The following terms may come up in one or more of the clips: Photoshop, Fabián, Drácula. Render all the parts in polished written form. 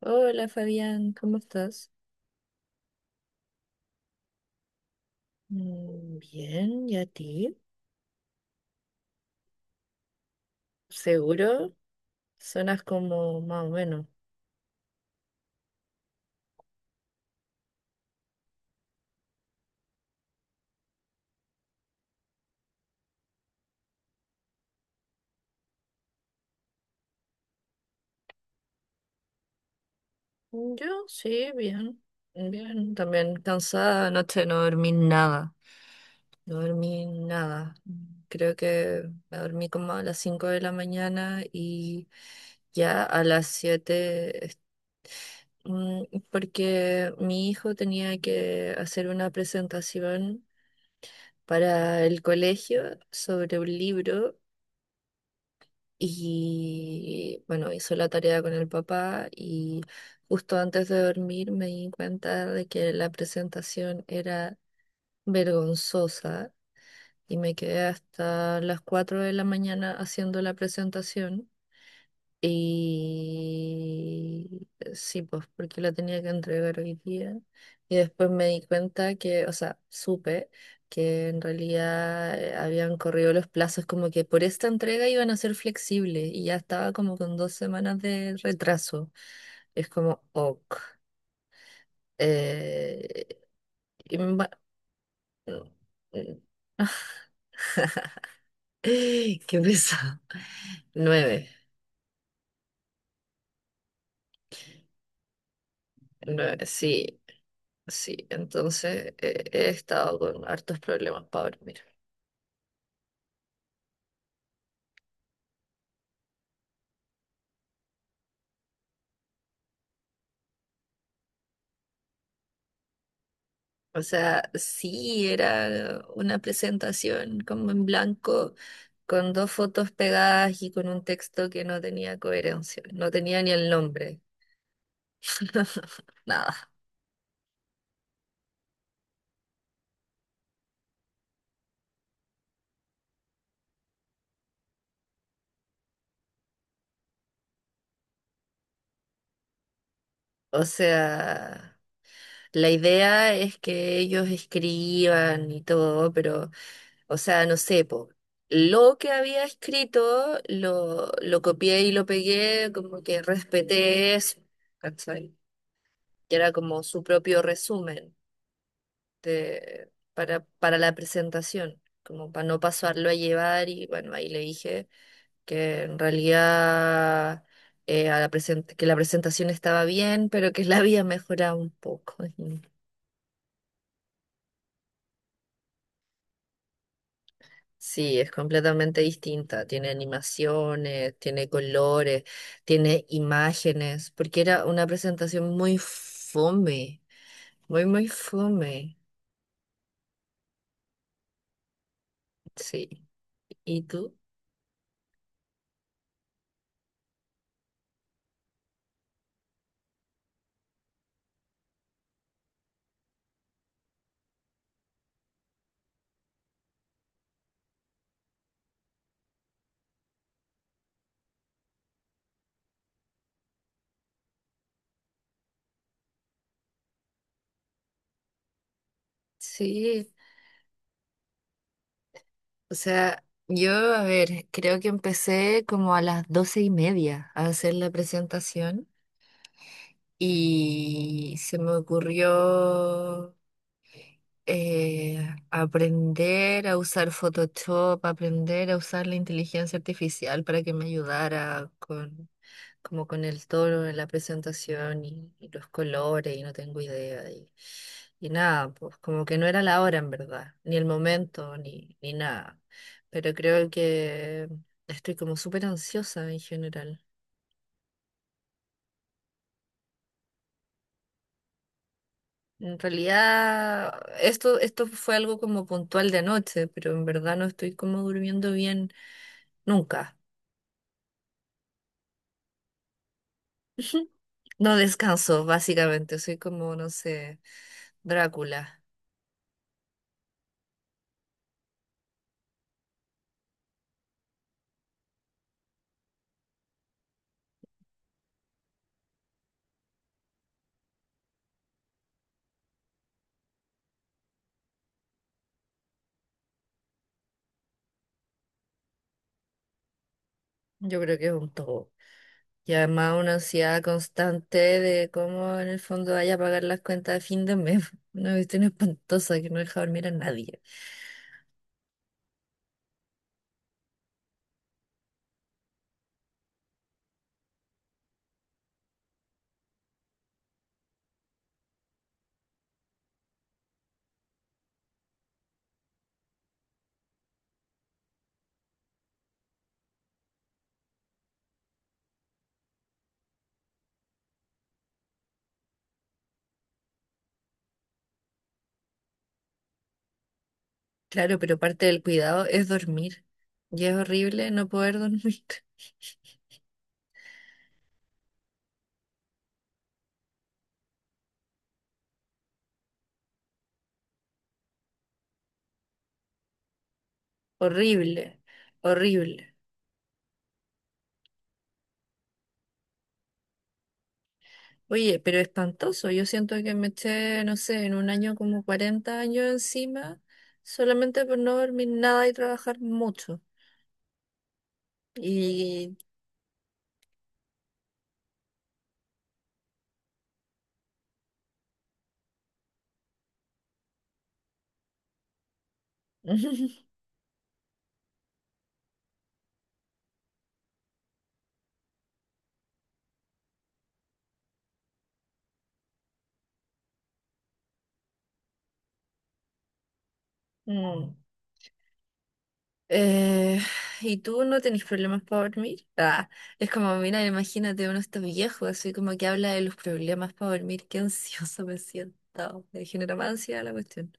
Hola Fabián, ¿cómo estás? Bien, ¿y a ti? ¿Seguro? Sonas como más o menos. Yo sí, bien, bien. También cansada, anoche no dormí nada, no dormí nada. Creo que me dormí como a las 5 de la mañana y ya a las 7, Mm, porque mi hijo tenía que hacer una presentación para el colegio sobre un libro. Y bueno, hizo la tarea con el papá, y justo antes de dormir me di cuenta de que la presentación era vergonzosa y me quedé hasta las 4 de la mañana haciendo la presentación. Y sí, pues porque lo tenía que entregar hoy día. Y después me di cuenta que, o sea, supe que en realidad habían corrido los plazos, como que por esta entrega iban a ser flexibles y ya estaba como con 2 semanas de retraso. Es como, ok. Eh, y ma- Qué pesado. 9, nueve, sí. Sí, entonces he estado con hartos problemas, para dormir. O sea, sí, era una presentación como en blanco, con dos fotos pegadas y con un texto que no tenía coherencia, no tenía ni el nombre, nada. O sea, la idea es que ellos escriban y todo, pero... O sea, no sé, po, lo que había escrito lo copié y lo pegué, como que respeté eso, ¿cachai? Que era como su propio resumen de, para la presentación, como para no pasarlo a llevar, y bueno, ahí le dije que en realidad que la presentación estaba bien, pero que la había mejorado un poco. Sí, es completamente distinta. Tiene animaciones, tiene colores, tiene imágenes, porque era una presentación muy fome, muy, muy fome. Sí. ¿Y tú? Sí. O sea, yo, a ver, creo que empecé como a las 12:30 a hacer la presentación y se me ocurrió eh, aprender a usar Photoshop, aprender a usar la inteligencia artificial para que me ayudara con, como con el tono en la presentación y los colores, y no tengo idea. Y nada, pues como que no era la hora en verdad, ni el momento, ni nada. Pero creo que estoy como súper ansiosa en general. En realidad, esto fue algo como puntual de noche, pero en verdad no estoy como durmiendo bien nunca. No descanso, básicamente. Soy como, no sé, Drácula. Yo creo que es un todo. Y además una ansiedad constante de cómo en el fondo vaya a pagar las cuentas de fin de mes. Una cuestión espantosa que no deja dormir a nadie. Claro, pero parte del cuidado es dormir. Y es horrible no poder dormir. Horrible, horrible. Oye, pero espantoso. Yo siento que me eché, no sé, en un año como 40 años encima, solamente por no dormir nada y trabajar mucho. Y... Mm. Eh, ¿Y tú no tenés problemas para dormir? Ah, es como, mira, imagínate, uno está viejo, así como que habla de los problemas para dormir. Qué ansioso me siento. Me genera más ansiedad la cuestión.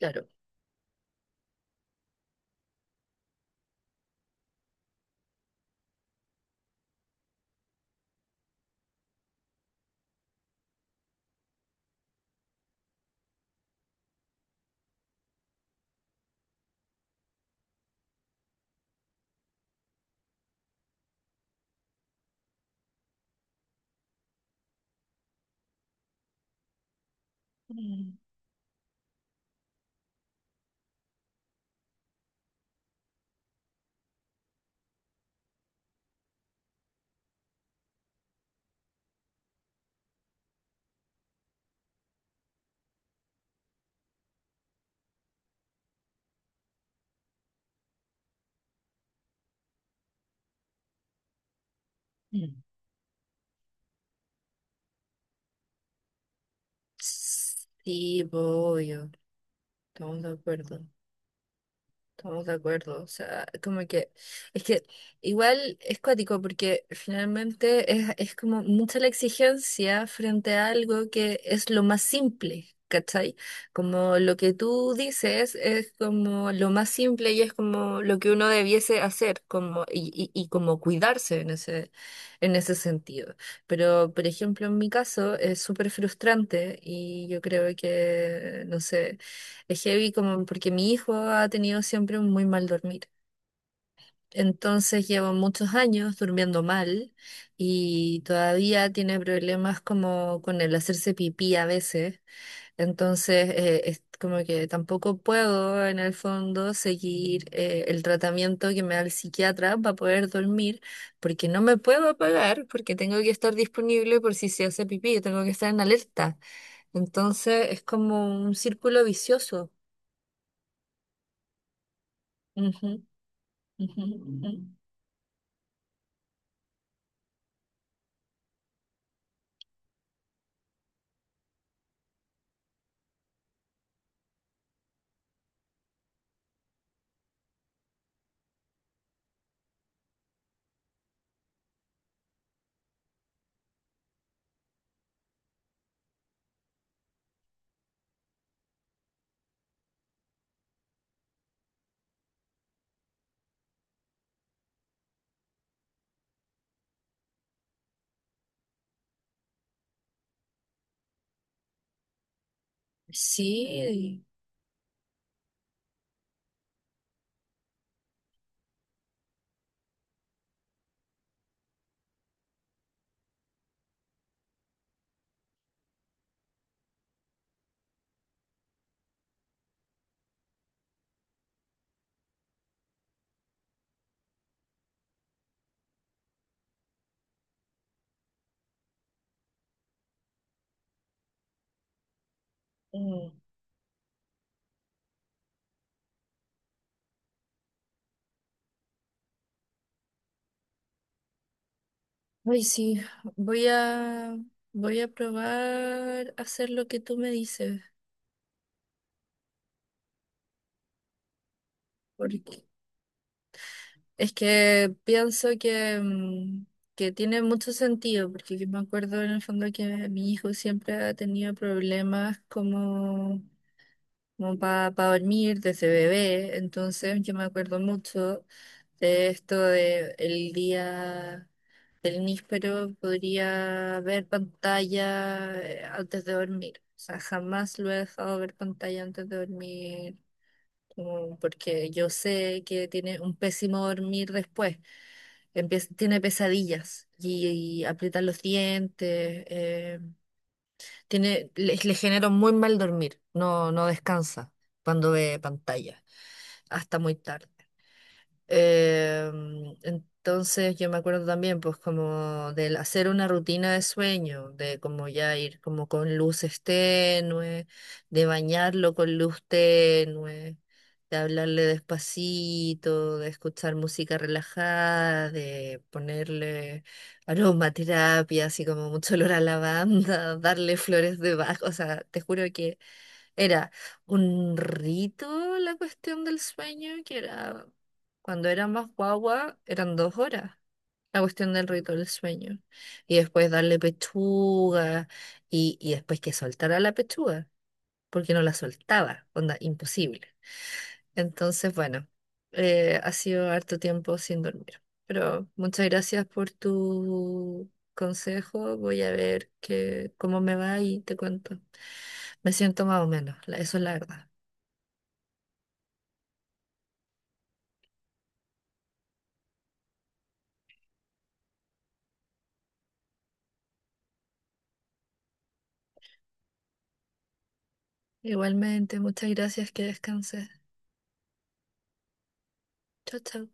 Claro. Mm. Mm. Sí, voy. Estamos de acuerdo, estamos de acuerdo. O sea, como que, es que igual es cuático porque finalmente es como mucha la exigencia frente a algo que es lo más simple, ¿cachai? Como lo que tú dices es como lo más simple y es como lo que uno debiese hacer, como, y como cuidarse en en ese sentido. Pero, por ejemplo, en mi caso es súper frustrante y yo creo que, no sé. Es heavy, como porque mi hijo ha tenido siempre un muy mal dormir. Entonces llevo muchos años durmiendo mal y todavía tiene problemas como con el hacerse pipí a veces. Entonces es como que tampoco puedo en el fondo seguir el tratamiento que me da el psiquiatra para poder dormir, porque no me puedo apagar porque tengo que estar disponible por si se hace pipí, yo tengo que estar en alerta. Entonces es como un círculo vicioso. Ujú. Ujú, ujú. Sí, mm, ay, sí, voy a, voy a probar hacer lo que tú me dices, porque es que pienso que tiene mucho sentido, porque yo me acuerdo en el fondo que mi hijo siempre ha tenido problemas como para dormir desde bebé. Entonces yo me acuerdo mucho de esto de el día del níspero podría ver pantalla antes de dormir. O sea, jamás lo he dejado ver pantalla antes de dormir, como porque yo sé que tiene un pésimo dormir después. Tiene pesadillas y aprieta los dientes, eh, le genera un muy mal dormir, no, no descansa cuando ve pantalla hasta muy tarde. Eh, entonces yo me acuerdo también, pues como del hacer una rutina de sueño, de como ya ir como con luces tenues, de bañarlo con luz tenue, de hablarle despacito, de escuchar música relajada, de ponerle aromaterapia, así como mucho olor a lavanda, darle flores debajo, o sea, te juro que era un rito la cuestión del sueño, que era cuando era más guagua, eran 2 horas la cuestión del rito del sueño. Y después darle pechuga y después que soltara la pechuga, porque no la soltaba, onda, imposible. Entonces, bueno, ha sido harto tiempo sin dormir. Pero muchas gracias por tu consejo. Voy a ver que, cómo me va y te cuento. Me siento más o menos, eso es la verdad. Igualmente, muchas gracias, que descanses. Chao, chao.